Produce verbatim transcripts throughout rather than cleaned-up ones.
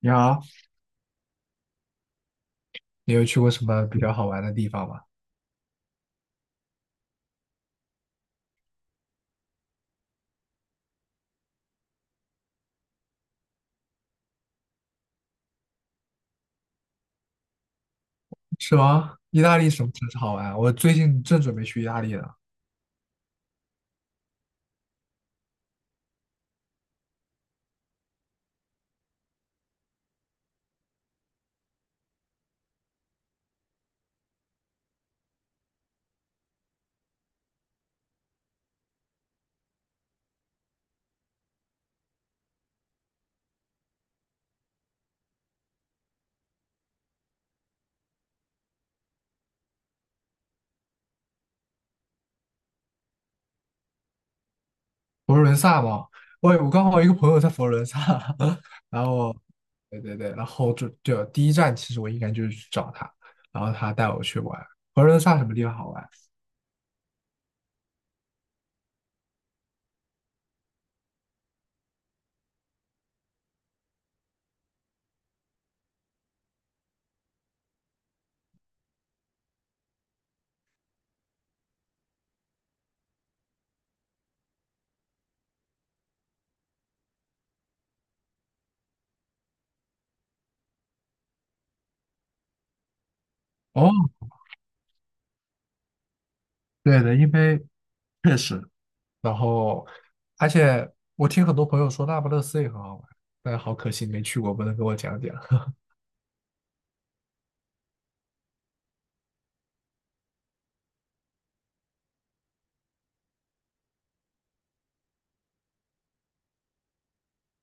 你好，你有去过什么比较好玩的地方吗？是吗？意大利什么城市好玩啊？我最近正准备去意大利呢，佛罗伦萨嘛。我我刚好一个朋友在佛罗伦萨，然后，对对对，然后就就第一站其实我应该就是去找他，然后他带我去玩佛罗伦萨什么地方好玩？哦，对的，因为确实，然后而且我听很多朋友说那不勒斯也很好玩，但是好可惜没去过，不能给我讲讲。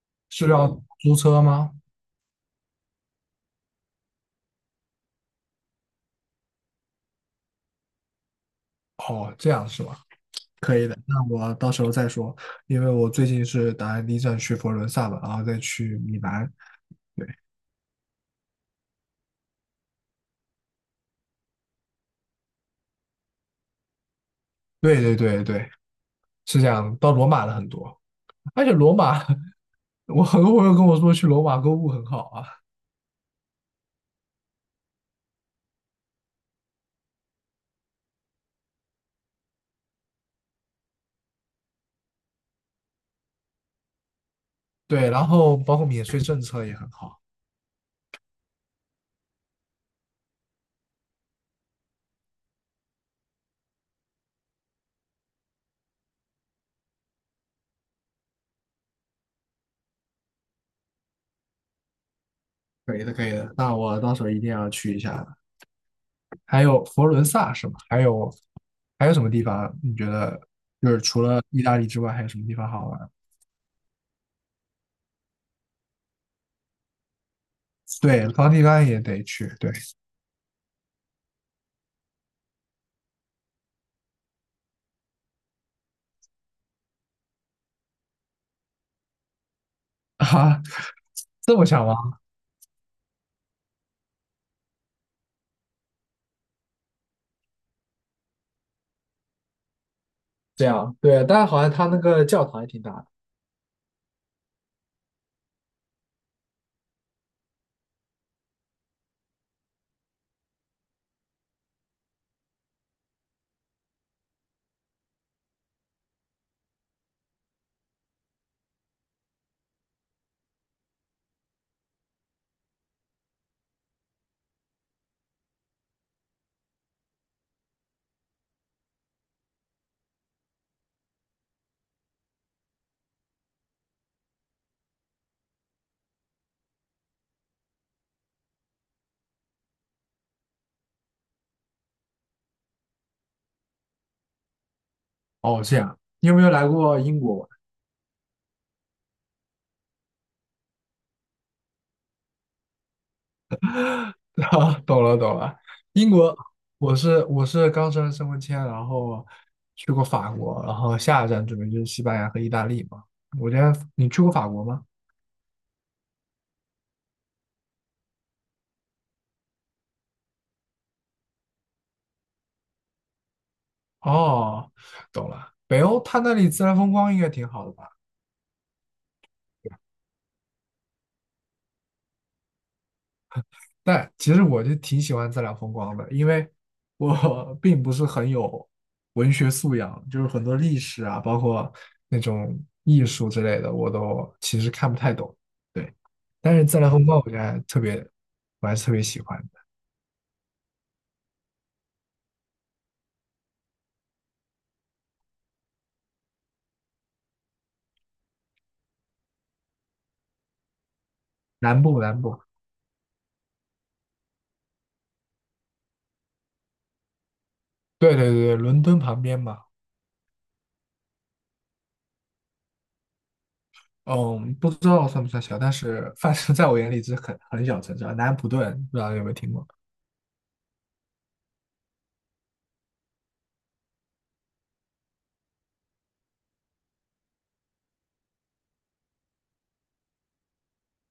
是要租车吗？哦，这样是吗？可以的，那我到时候再说，因为我最近是打算第一站去佛罗伦萨嘛，然后再去米兰。对，对对对对，是这样。到罗马的很多，而且罗马，我很多朋友跟我说去罗马购物很好啊。对，然后包括免税政策也很好。可以的，可以的。那我到时候一定要去一下的还有佛罗伦萨是吗？还有还有什么地方你觉得就是除了意大利之外，还有什么地方好玩？对，梵蒂冈也得去。对 啊，这么想吗？这样，对，但是好像他那个教堂也挺大的。哦，这样，你有没有来过英国玩？啊，懂了懂了，英国，我是我是刚申申根签，然后去过法国，然后下一站准备就是西班牙和意大利嘛。我觉得你去过法国吗？哦，懂了，北欧它那里自然风光应该挺好的吧？但其实我就挺喜欢自然风光的，因为我 并不是很有文学素养，就是很多历史啊，包括那种艺术之类的，我都其实看不太懂。对，但是自然风光我觉得还特别，我还是特别喜欢的。南部，南部，对对对，伦敦旁边嘛，嗯，不知道算不算小，但是反正在我眼里是很很小城市啊。南安普顿，不知道有没有听过？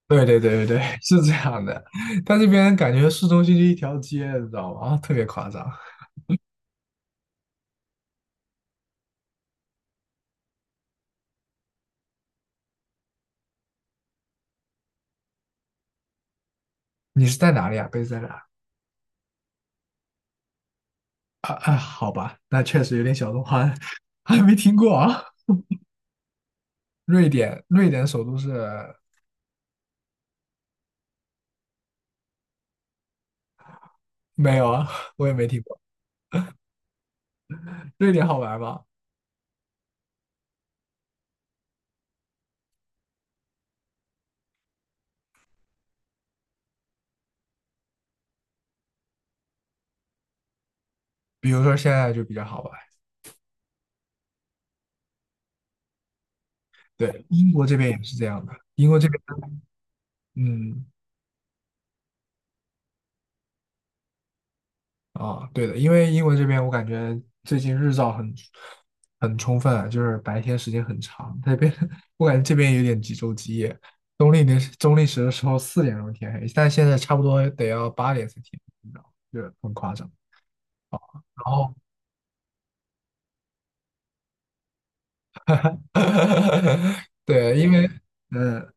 对对对对对，是这样的。它这边感觉市中心就一条街，你知道吗？啊，特别夸张。你是在哪里啊？贝斯在哪儿啊啊，好吧，那确实有点小众，还还没听过啊。瑞典，瑞典首都是没有啊，我也没听过。瑞典好玩吗？比如说现在就比较好玩。对，英国这边也是这样的。英国这边，嗯，啊，对的，因为英国这边我感觉最近日照很很充分，就是白天时间很长。那边 我感觉这边有点几昼几夜，冬令的冬令时的时候四点钟天黑，但现在差不多得要八点才天黑，你知道吗？就是很夸张。然后，对，因为嗯，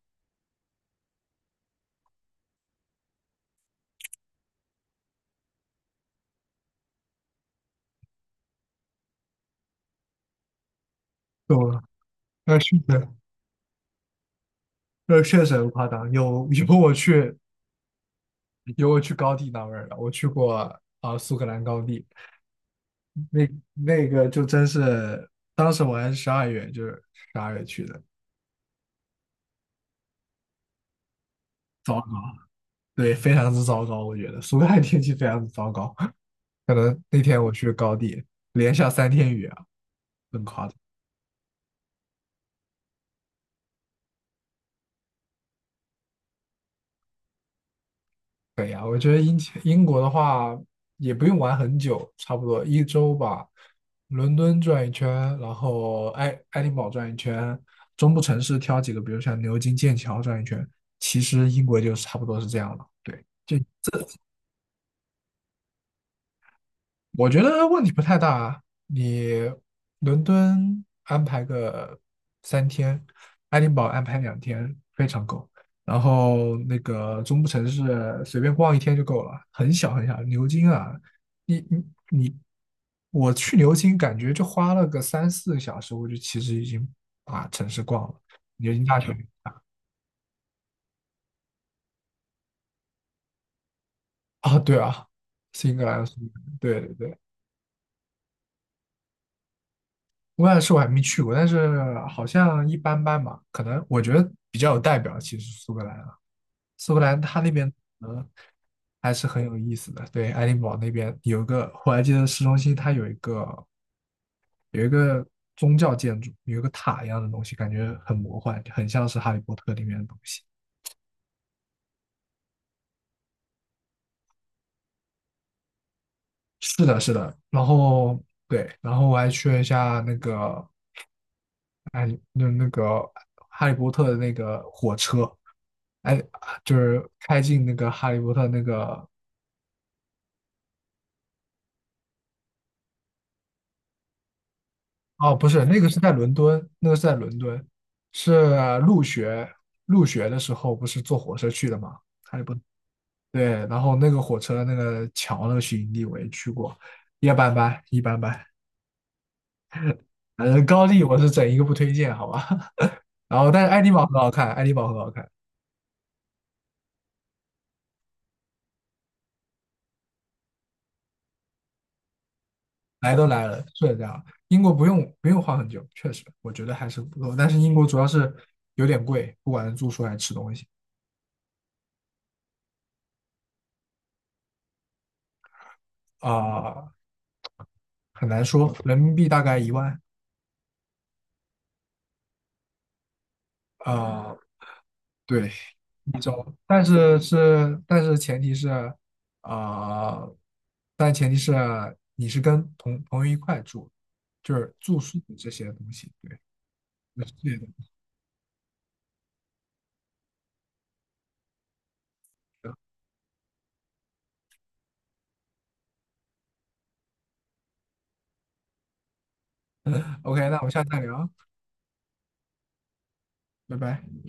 我那是的，那确实很夸张。有 有我去有我去高地那边儿的，我去过啊、呃苏格兰高地，那那个就真是，当时我还是十二月，就是十二月去的。早。对，非常之糟糕，我觉得苏格兰天气非常之糟糕。可能那天我去高地，连下三天雨啊。对呀，我觉得英英国的话也不用玩很久，差不多一周吧。伦敦转一圈，然后爱爱丁堡转一圈，中部城市挑几个，比如像牛津、剑桥转一圈。其实英国就差不多是这样了。对，就我觉得问题不太大。啊，你伦敦安排个三天，爱丁堡安排两天，非常够。然后那个中部城市随便逛一天就够了，很小很小。牛津啊，你你你，我去牛津感觉就花了个三四个小时，我就其实已经把城市逛了。牛津大学啊，对啊，是英格兰，对对对，威兰是我还没去过，但是好像一般般吧。可能我觉得比较有代表，其实苏格兰啊，苏格兰它那边可能还是很有意思的。对，爱丁堡那边有一个，我还记得市中心它有一个有一个宗教建筑，有一个塔一样的东西，感觉很魔幻，很像是《哈利波特》里面的东西。是的，是的。然后对，然后我还去了一下那个哎，那那个《哈利波特》的那个火车，哎，就是开进那个哈利波特那个，哦，不是，那个是在伦敦，那个是在伦敦，是入学入学的时候不是坐火车去的吗？哈利波特，对，然后那个火车那个桥那个取景地我也去过，一般般，一般般，反正高地我是整一个不推荐，好吧？然后但是爱丁堡很好看，爱丁堡很好看，来都来了，是这样。英国不用不用花很久，确实我觉得还是不够，但是英国主要是有点贵，不管是住宿还是吃东西啊。很难说，人民币大概一万，呃，对，一周，但是是，但是前提是，啊，但前提是你是跟同朋友一块住，就是住宿这些东西，对，那是这些东西。OK，那我们下次再聊啊，拜拜。